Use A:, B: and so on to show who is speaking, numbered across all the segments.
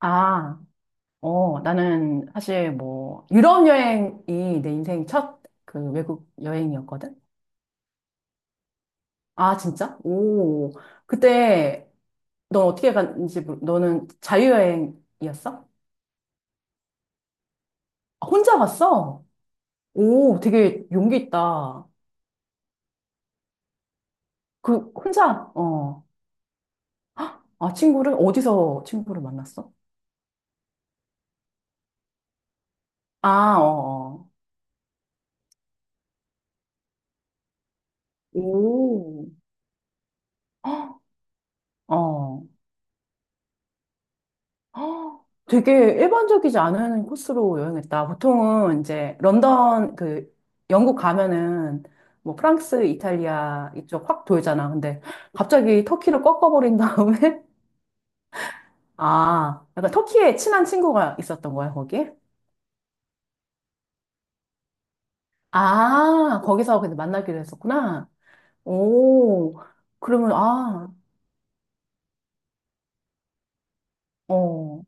A: 아, 어, 나는 사실 뭐, 유럽 여행이 내 인생 첫 그 외국 여행이었거든? 아, 진짜? 오, 그때 넌 어떻게 갔는지, 너는 자유여행이었어? 아, 혼자 갔어? 오, 되게 용기 있다. 그, 혼자? 어. 아, 친구를? 어디서 친구를 만났어? 아, 어, 어. 오. 어. 헉, 되게 일반적이지 않은 코스로 여행했다. 보통은 이제 런던, 그, 영국 가면은 뭐 프랑스, 이탈리아 이쪽 확 돌잖아. 근데 갑자기 터키를 꺾어버린 다음에, 아, 약간 터키에 친한 친구가 있었던 거야, 거기? 아, 거기서 근데 만나기로 했었구나. 오, 그러면, 아, 어,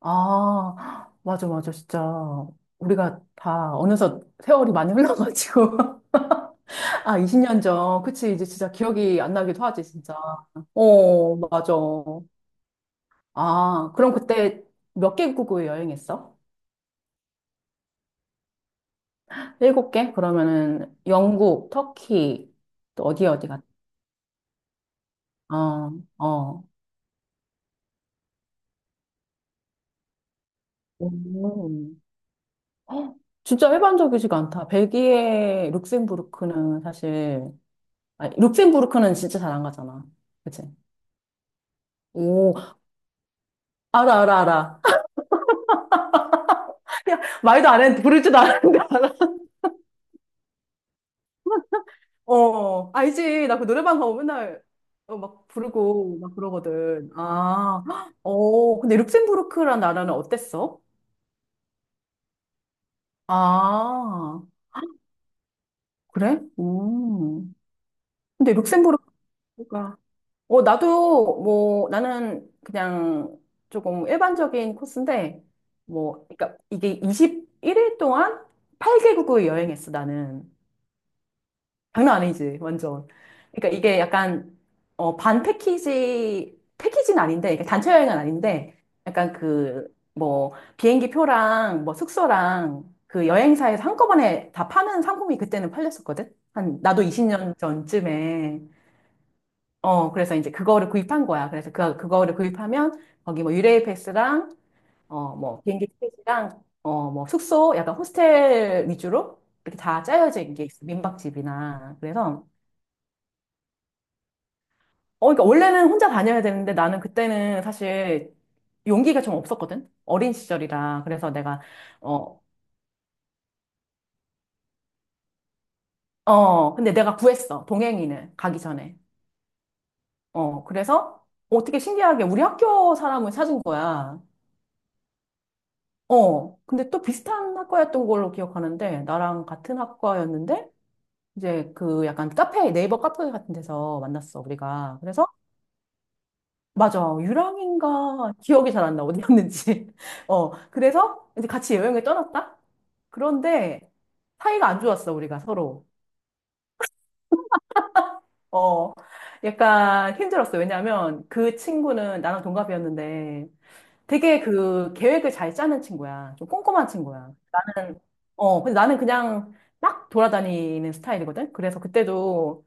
A: 아, 맞아, 맞아, 진짜. 우리가 다 어느덧 세월이 많이 흘러가지고. 아, 20년 전. 그치, 이제 진짜 기억이 안 나기도 하지, 진짜. 어, 맞아. 아, 그럼 그때 몇 개국을 여행했어? 일곱 개? 그러면은 영국, 터키, 또 어디 어디 갔 어, 어. 오. 헉, 진짜 일반적이지가 않다. 벨기에, 룩셈부르크는 사실, 아니, 룩셈부르크는 진짜 잘 안 가잖아. 그치? 오, 알아, 알아, 알아. 말도 안 했는데, 부를 줄도 알았는데, 알아. 어, 알지. 나 그 노래방 가고 맨날 어, 막 부르고 막 그러거든. 아, 헉, 어, 근데 룩셈부르크란 나라는 어땠어? 아, 그래? 음. 근데 룩셈부르크가, 어, 나도 뭐, 나는 그냥 조금 일반적인 코스인데, 뭐, 그러니까 이게 21일 동안 8개국을 여행했어, 나는. 장난 아니지, 완전. 그러니까 이게 약간, 어, 반 패키지, 패키지는 아닌데, 그러니까 단체 여행은 아닌데, 약간 그, 뭐, 비행기 표랑, 뭐, 숙소랑, 그 여행사에서 한꺼번에 다 파는 상품이 그때는 팔렸었거든? 한, 나도 20년 전쯤에. 어, 그래서 이제 그거를 구입한 거야. 그래서 그, 그거를 구입하면, 거기 뭐, 유레일 패스랑, 어, 뭐, 비행기 티켓이랑, 어, 뭐, 숙소, 약간 호스텔 위주로, 이렇게 다 짜여진 게 있어. 민박집이나. 그래서, 어, 그러니까 원래는 혼자 다녀야 되는데 나는 그때는 사실 용기가 좀 없었거든? 어린 시절이라. 그래서 내가, 어, 어, 근데 내가 구했어. 동행인을 가기 전에. 어, 그래서 어떻게 신기하게 우리 학교 사람을 찾은 거야. 어, 근데 또 비슷한 학과였던 걸로 기억하는데 나랑 같은 학과였는데 이제 그 약간 카페, 네이버 카페 같은 데서 만났어, 우리가. 그래서 맞아. 유랑인가 기억이 잘 안 나. 어디였는지. 어. 그래서 이제 같이 여행을 떠났다? 그런데 사이가 안 좋았어, 우리가 서로. 어. 약간 힘들었어. 왜냐면 그 친구는 나랑 동갑이었는데 되게 그 계획을 잘 짜는 친구야. 좀 꼼꼼한 친구야. 나는, 어. 근데 나는 그냥 막 돌아다니는 스타일이거든? 그래서 그때도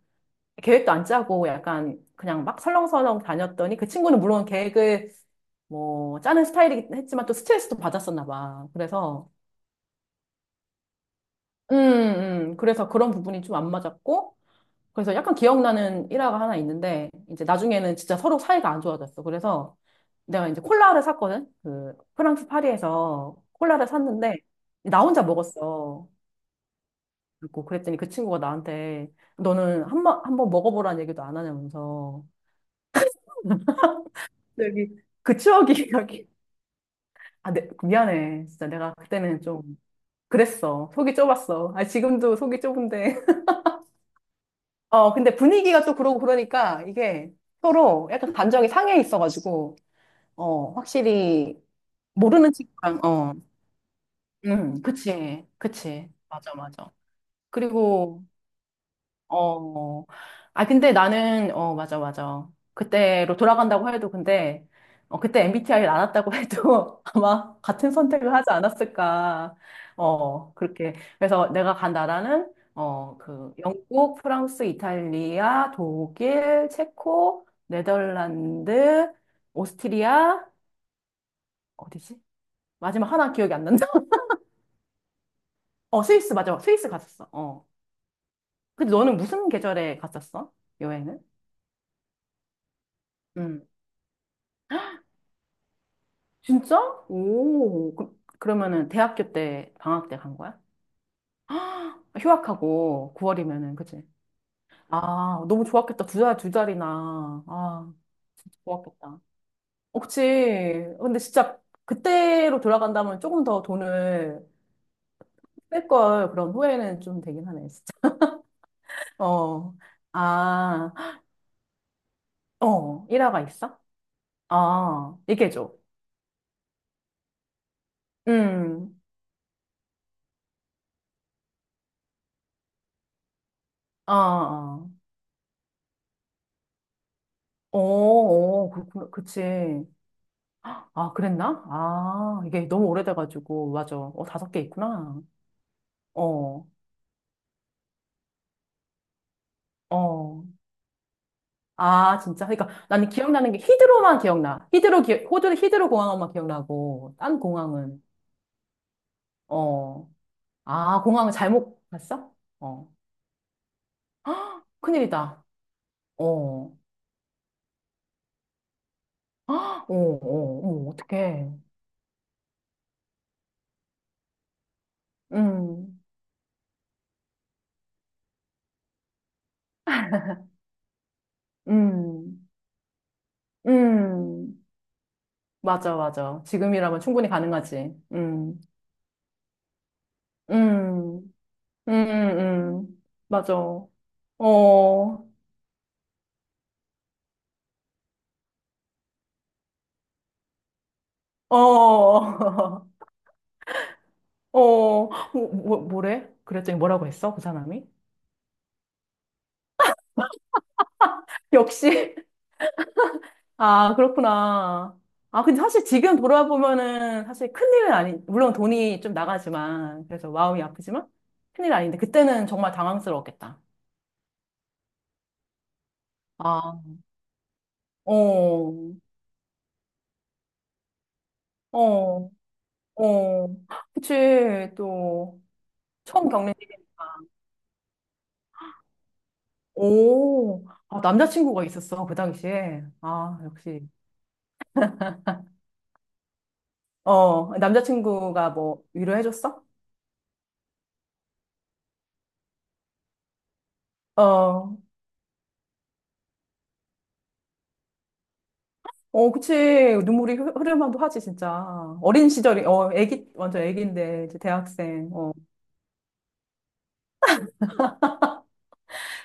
A: 계획도 안 짜고 약간 그냥 막 설렁설렁 다녔더니 그 친구는 물론 계획을 뭐 짜는 스타일이긴 했지만 또 스트레스도 받았었나 봐. 그래서 음, 그래서 그런 부분이 좀 안 맞았고 그래서 약간 기억나는 일화가 하나 있는데 이제 나중에는 진짜 서로 사이가 안 좋아졌어. 그래서 내가 이제 콜라를 샀거든. 그 프랑스 파리에서 콜라를 샀는데 나 혼자 먹었어. 그리고 그랬더니 그 친구가 나한테 너는 한번 한번 먹어보라는 얘기도 안 하냐면서 여기 그 추억이 여기 아, 네, 미안해. 진짜 내가 그때는 좀 그랬어. 속이 좁았어. 아, 지금도 속이 좁은데. 어, 근데 분위기가 또 그러고 그러니까 이게 서로 약간 감정이 상해 있어가지고, 어, 확실히 모르는 친구랑, 어, 그치, 그치. 맞아, 맞아. 그리고 어, 아, 근데 나는, 어, 맞아, 맞아. 그때로 돌아간다고 해도, 근데, 어, 그때 MBTI를 알았다고 해도 아마 같은 선택을 하지 않았을까. 어, 그렇게. 그래서 내가 간 나라는, 어, 그, 영국, 프랑스, 이탈리아, 독일, 체코, 네덜란드, 오스트리아, 어디지? 마지막 하나 기억이 안 난다. 어, 스위스, 맞아. 스위스 갔었어. 어. 근데 너는 무슨 계절에 갔었어? 여행은? 음. 진짜? 오, 그, 그러면은 대학교 때, 방학 때 간 거야? 아, 휴학하고 9월이면은, 그치? 아, 너무 좋았겠다. 두 달, 두 달이나. 아, 진짜 좋았겠다. 어, 그치. 근데 진짜 그때로 돌아간다면 조금 더 돈을 뺄 걸 그런 후회는 좀 되긴 하네, 진짜. 어, 아, 어, 일화가 있어? 아, 얘기해줘. 음, 아, 아. 어, 어, 그렇구나. 그치. 아, 그랬나? 아, 이게 너무 오래돼가지고, 맞아. 어, 다섯 개 있구나. 어, 어. 아, 진짜. 그러니까 나는 기억나는 게 히드로만 기억나. 히드로, 기, 호주 히드로 공항만 기억나고, 딴 공항은. 어. 아, 공항을 잘못 갔어? 어. 헉, 큰일이다. 어. 헉, 어, 어, 어, 어떡해. 음, 음, 음. 맞아, 맞아. 지금이라면 충분히 가능하지. 음, 음, 음. 맞아. 어, 어, 어, 뭐, 뭐, 뭐래? 그랬더니 뭐라고 했어? 그 사람이? 역시, 아, 그렇구나. 아, 근데 사실 지금 돌아보면은 사실 큰일은 아니, 물론 돈이 좀 나가지만, 그래서 마음이 아프지만, 큰일 아닌데, 그때는 정말 당황스러웠겠다. 아, 어, 어, 어. 그치, 또, 처음 겪는 일이니까. 오, 아, 남자친구가 있었어, 그 당시에. 아, 역시. 어, 남자친구가 뭐 위로해줬어? 어, 어, 그치. 눈물이 흐르면도 하지, 진짜. 어린 시절이, 어, 애기, 완전 애기인데, 이제 대학생. 어,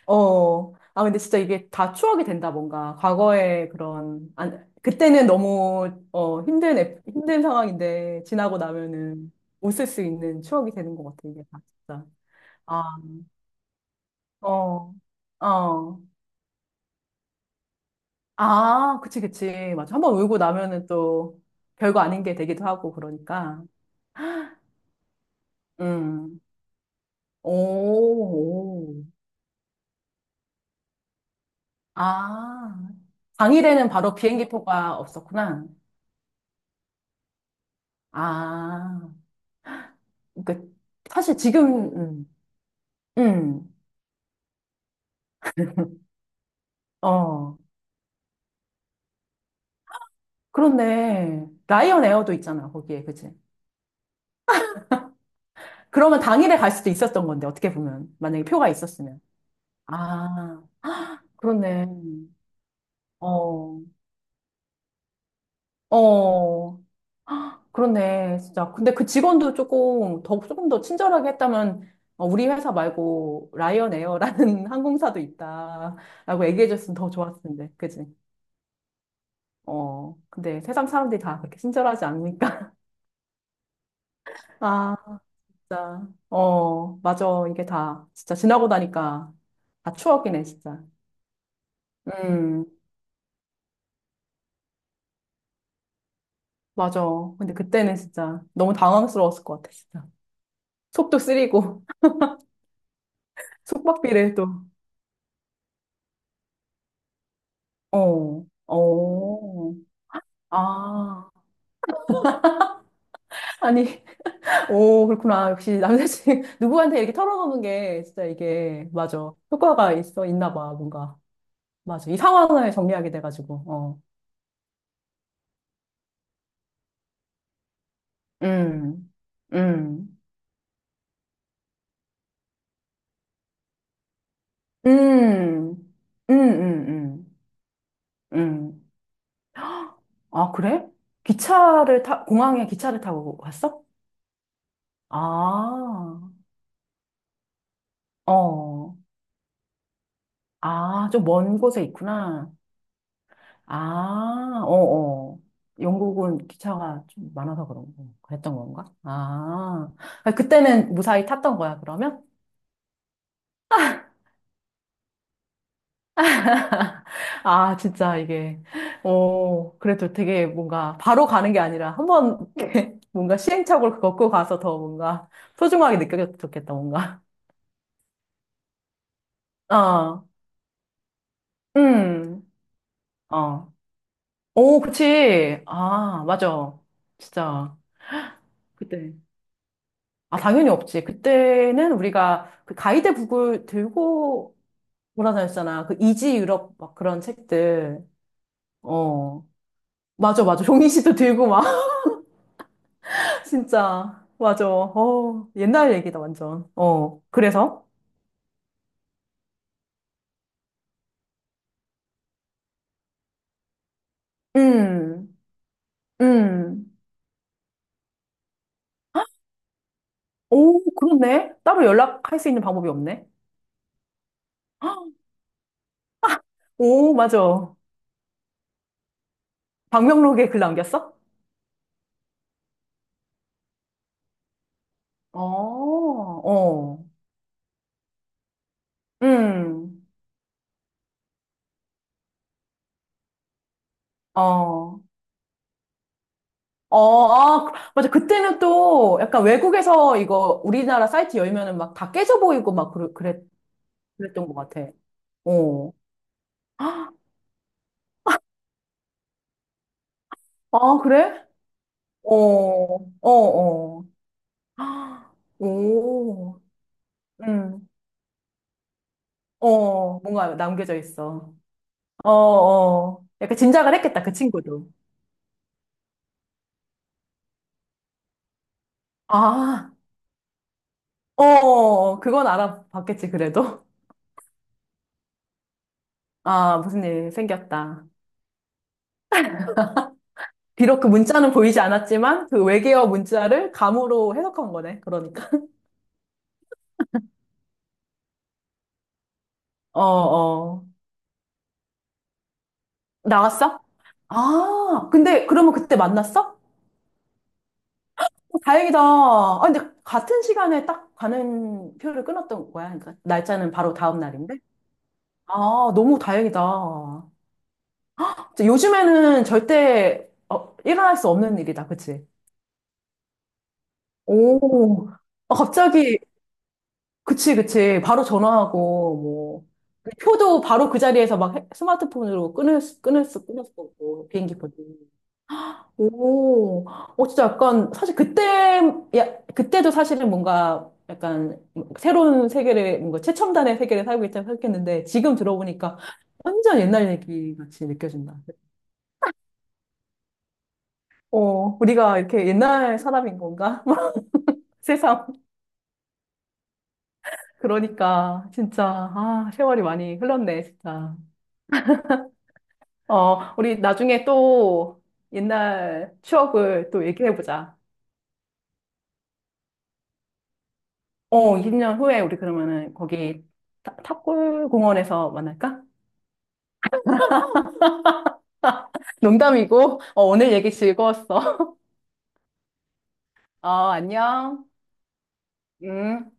A: 어. 아, 근데 진짜 이게 다 추억이 된다, 뭔가. 과거의 그런, 안, 그때는 너무, 어, 힘든, 힘든 상황인데, 지나고 나면은 웃을 수 있는 추억이 되는 것 같아, 이게 다, 진짜. 아, 어, 어. 아, 그치, 그치. 맞아. 한번 울고 나면은 또 별거 아닌 게 되기도 하고, 그러니까. 음. 오, 오. 아. 당일에는 바로 비행기표가 없었구나. 아. 그러니까 사실 지금, 음, 어. 그런데, 라이언 에어도 있잖아, 거기에, 그치? 그러면 당일에 갈 수도 있었던 건데, 어떻게 보면. 만약에 표가 있었으면. 아, 그렇네. 어, 어. 그렇네, 진짜. 근데 그 직원도 조금 더, 조금 더 친절하게 했다면, 어, 우리 회사 말고 라이언 에어라는 항공사도 있다라고 얘기해줬으면 더 좋았을 텐데, 그지? 어, 근데 세상 사람들이 다 그렇게 친절하지 않으니까. 아, 진짜. 어, 맞아. 이게 다, 진짜 지나고 나니까 다 추억이네, 진짜. 음, 맞아. 근데 그때는 진짜 너무 당황스러웠을 것 같아, 진짜. 속도 쓰리고, 속박비를 또, 어, 어, 아. 아니, 오, 그렇구나. 역시 남자친구, 누구한테 이렇게 털어놓는 게 진짜 이게, 맞아. 효과가 있어, 있나 봐, 뭔가. 맞아. 이 상황을 정리하게 돼가지고, 어. 음, 음, 음, 음, 음, 음. 음. 아, 그래? 기차를 타, 공항에 기차를 타고 갔어? 아, 어, 아, 좀 먼 곳에 있구나. 아, 어어. 영국은 기차가 좀 많아서 그런 거, 그랬던 건가? 아, 아, 그때는 무사히 탔던 거야, 그러면? 아, 진짜 이게, 어, 그래도 되게 뭔가 바로 가는 게 아니라 한번 뭔가 시행착오를 겪고 가서 더 뭔가 소중하게 느껴졌겠다 뭔가. 어, 음, 어. 오, 그치. 아, 맞아. 진짜. 그때. 아, 당연히 없지. 그때는 우리가 그 가이드북을 들고 돌아다녔잖아. 그 이지 유럽 막 그런 책들. 어. 맞아, 맞아. 종이 씨도 들고 막. 진짜. 맞아. 어. 옛날 얘기다, 완전. 어. 그래서? 음. 음. 오, 그렇네. 따로 연락할 수 있는 방법이 없네. 오, 맞아. 방명록에 글 남겼어? 어, 어. 음. 어. 어, 아, 그, 맞아. 그때는 또 약간 외국에서 이거 우리나라 사이트 열면은 막 다 깨져 보이고 막 그랬던 것 같아. 어. 아, 그래? 어, 어, 어. 아, 오, 음, 어, 뭔가 남겨져 있어. 어, 어. 약간 짐작을 했겠다, 그 친구도. 아, 어, 어, 어. 그건 알아봤겠지, 그래도. 아, 무슨 일 생겼다. 비록 그 문자는 보이지 않았지만, 그 외계어 문자를 감으로 해석한 거네, 그러니까. 어, 어. 나왔어? 아, 근데 그러면 그때 만났어? 다행이다. 아, 근데 같은 시간에 딱 가는 표를 끊었던 거야. 그러니까 날짜는 바로 다음 날인데. 아, 너무 다행이다. 진짜 요즘에는 절대 어, 일어날 수 없는 일이다. 그치? 오, 아, 갑자기, 그치, 그치. 바로 전화하고, 뭐. 그 표도 바로 그 자리에서 막 스마트폰으로 끊을 수 없고, 비행기 표도. 오, 어, 진짜 약간, 사실 그때, 야, 그때도 사실은 뭔가 약간 새로운 세계를, 뭔가 최첨단의 세계를 살고 있다고 생각했는데, 지금 들어보니까 완전 옛날 얘기 같이 느껴진다. 어, 우리가 이렇게 옛날 사람인 건가? 세상. 그러니까, 진짜, 아, 세월이 많이 흘렀네, 진짜. 어, 우리 나중에 또 옛날 추억을 또 얘기해보자. 어, 20년 후에 우리 그러면은 거기 탑골 공원에서 만날까? 농담이고, 어, 오늘 얘기 즐거웠어. 어, 안녕. 음.